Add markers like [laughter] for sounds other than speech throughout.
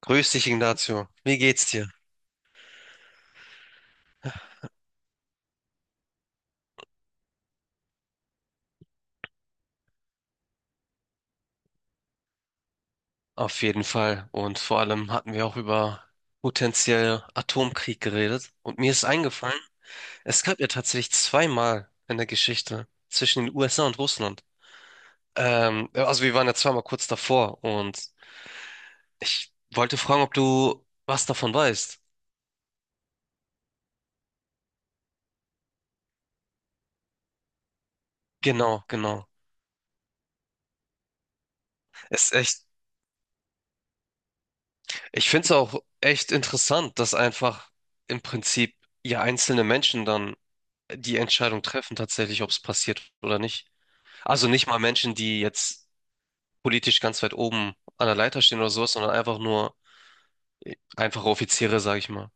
Grüß dich, Ignacio. Wie geht's dir? Auf jeden Fall. Und vor allem hatten wir auch über potenziell Atomkrieg geredet. Und mir ist eingefallen, es gab ja tatsächlich zweimal in der Geschichte zwischen den USA und Russland. Also wir waren ja zweimal kurz davor und ich wollte fragen, ob du was davon weißt. Genau, genau. Ist echt, ich finde es auch echt interessant, dass einfach im Prinzip ja einzelne Menschen dann die Entscheidung treffen, tatsächlich, ob es passiert oder nicht. Also nicht mal Menschen, die jetzt politisch ganz weit oben an der Leiter stehen oder sowas, sondern einfach nur einfache Offiziere, sag ich mal.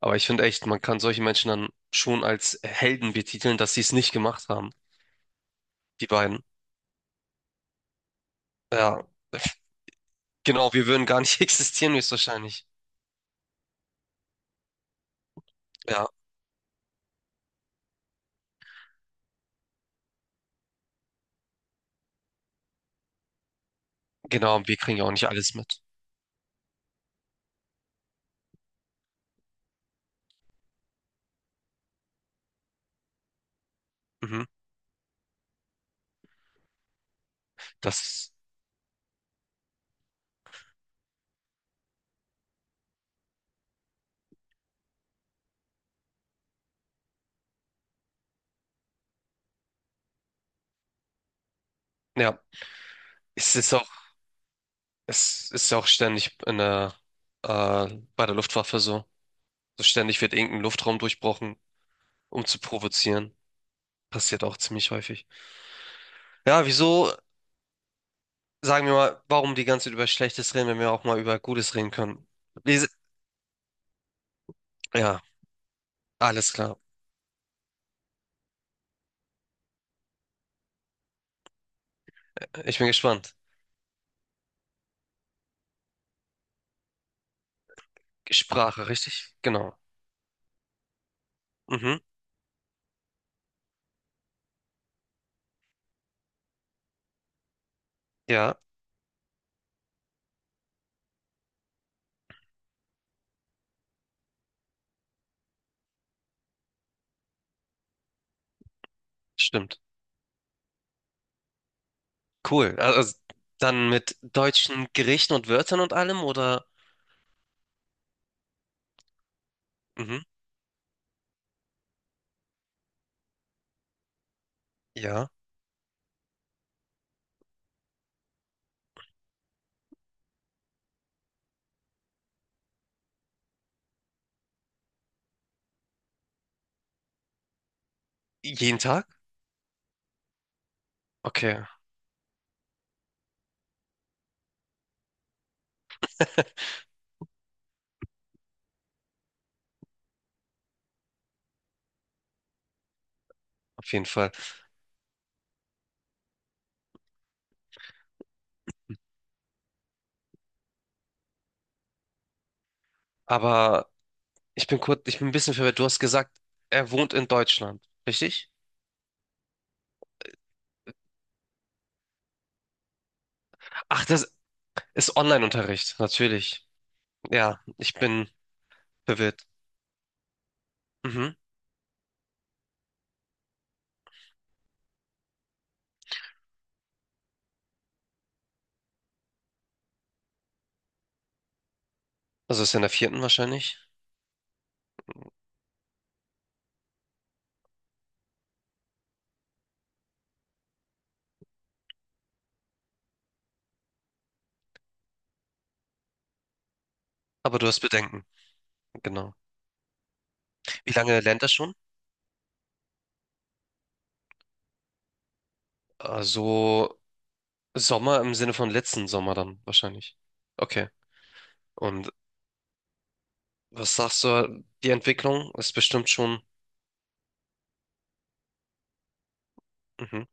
Aber ich finde echt, man kann solche Menschen dann schon als Helden betiteln, dass sie es nicht gemacht haben, die beiden. Ja, genau, wir würden gar nicht [laughs] existieren, höchstwahrscheinlich. Ja, genau, wir kriegen ja auch nicht alles mit. Mhm. Das, ja, es ist auch, es ist ja auch ständig äh, bei der Luftwaffe so. So ständig wird irgendein Luftraum durchbrochen, um zu provozieren. Passiert auch ziemlich häufig. Ja, wieso, sagen wir mal, warum die ganze Zeit über Schlechtes reden, wenn wir auch mal über Gutes reden können? Wie- se- Ja, alles klar. Ich bin gespannt. Sprache, richtig? Genau. Mhm. Ja, stimmt. Cool. Also dann mit deutschen Gerichten und Wörtern und allem oder? Mhm. Ja. Jeden Tag? Okay, auf jeden Fall. Aber ich bin ein bisschen verwirrt. Du hast gesagt, er wohnt in Deutschland, richtig? Ach, das ist Online-Unterricht, natürlich. Ja, ich bin verwirrt. Mhm. Also ist er in der vierten wahrscheinlich. Aber du hast Bedenken. Genau. Wie lange lernt er schon? Also Sommer im Sinne von letzten Sommer dann wahrscheinlich. Okay. Und was sagst du? Die Entwicklung ist bestimmt schon. Mhm.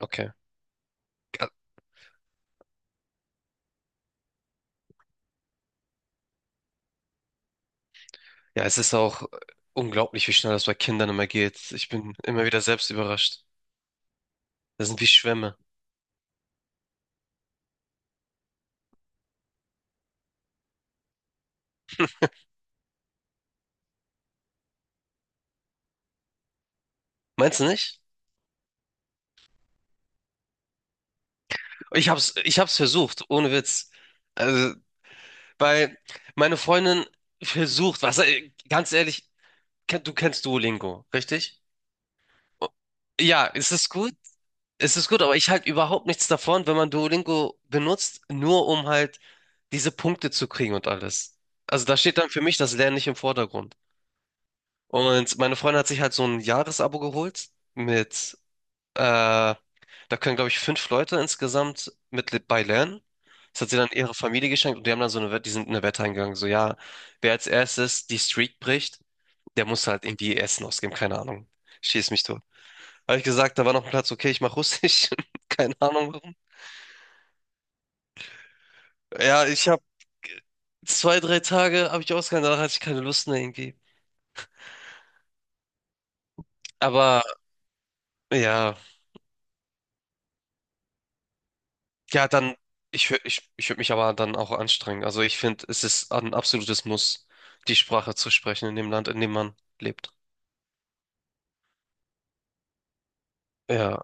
Okay. Ja, es ist auch unglaublich, wie schnell das bei Kindern immer geht. Ich bin immer wieder selbst überrascht. Das sind wie Schwämme. Meinst du nicht? Ich hab's versucht, ohne Witz. Also, weil meine Freundin versucht, was, ganz ehrlich, du kennst Duolingo, richtig? O- Ja, es ist es gut. Es ist gut, aber ich halte überhaupt nichts davon, wenn man Duolingo benutzt, nur um halt diese Punkte zu kriegen und alles. Also da steht dann für mich das Lernen nicht im Vordergrund. Und meine Freundin hat sich halt so ein Jahresabo geholt mit, da können glaube ich fünf Leute insgesamt mit bei lernen. Das hat sie dann ihrer Familie geschenkt und die haben dann so eine Wette, die sind in eine Wette eingegangen, so ja, wer als erstes die Streak bricht, der musste halt irgendwie Essen ausgeben, keine Ahnung. Schieß mich tot. Habe ich gesagt, da war noch ein Platz, okay, ich mache Russisch. [laughs] Keine Ahnung warum. Ja, ich habe zwei, drei Tage habe ich ausgehalten, danach hatte ich keine Lust mehr irgendwie. Aber ja, ja, dann, ich würde mich aber dann auch anstrengen. Also ich finde, es ist ein absolutes Muss, die Sprache zu sprechen in dem Land, in dem man lebt. Ja.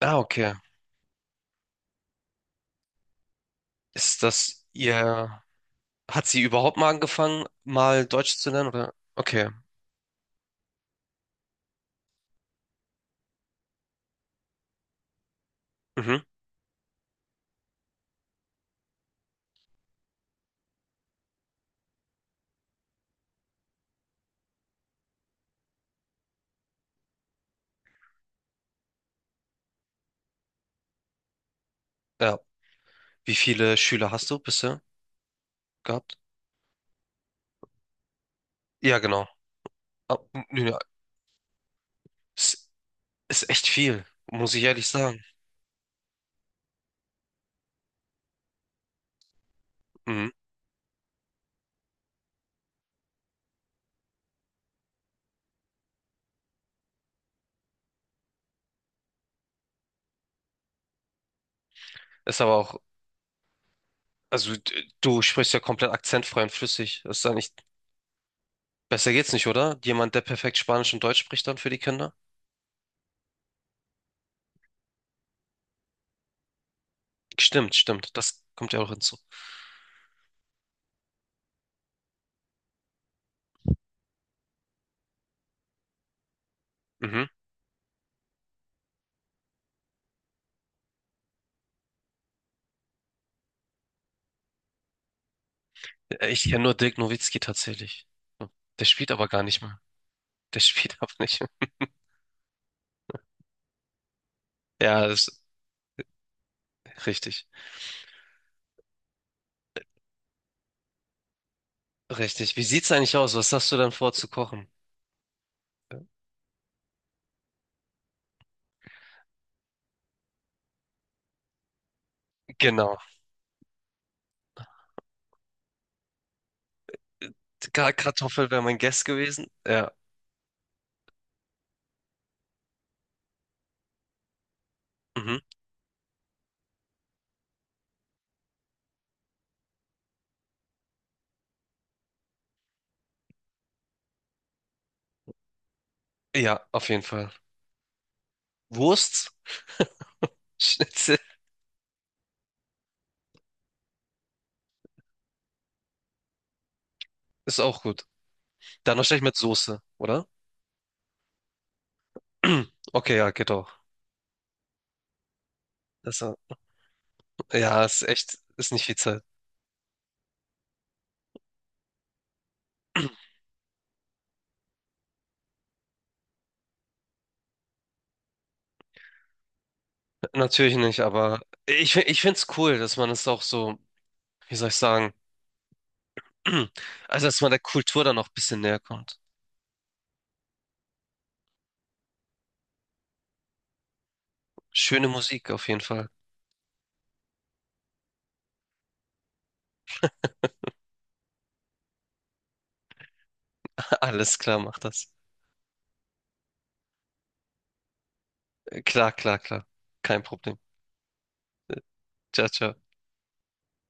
Ah, okay. Ist das ihr, hat sie überhaupt mal angefangen, mal Deutsch zu lernen oder? Okay. Mhm. Ja. Wie viele Schüler hast du bisher gehabt? Ja, genau. Ja, ist, ist echt viel, muss ich ehrlich sagen. Mhm. Ist aber auch, also du sprichst ja komplett akzentfrei und flüssig. Ist da nicht, besser geht's nicht, oder? Jemand, der perfekt Spanisch und Deutsch spricht dann für die Kinder? Stimmt, stimmt. Das kommt ja auch hinzu. Mhm. Ich kenne nur Dirk Nowitzki tatsächlich. Der spielt aber gar nicht mehr. Der spielt [laughs] aber nicht mehr. Ja, das ist richtig. Richtig. Wie sieht's eigentlich aus? Was hast du dann vor zu kochen? Genau. Kartoffel wäre mein Guess gewesen. Ja, mhm. Ja, auf jeden Fall. Wurst, [laughs] Schnitzel ist auch gut. Dann wahrscheinlich mit Soße, oder? [clears throat] Okay, ja, geht auch. Also, ja, ist nicht viel Zeit. Natürlich nicht, aber ich finde es cool, dass man es auch so, wie soll ich sagen, [clears throat] also dass man der Kultur dann noch ein bisschen näher kommt. Schöne Musik auf jeden Fall. [laughs] Alles klar, mach das. Klar, klar, klar. Kein Problem. Ciao, ciao.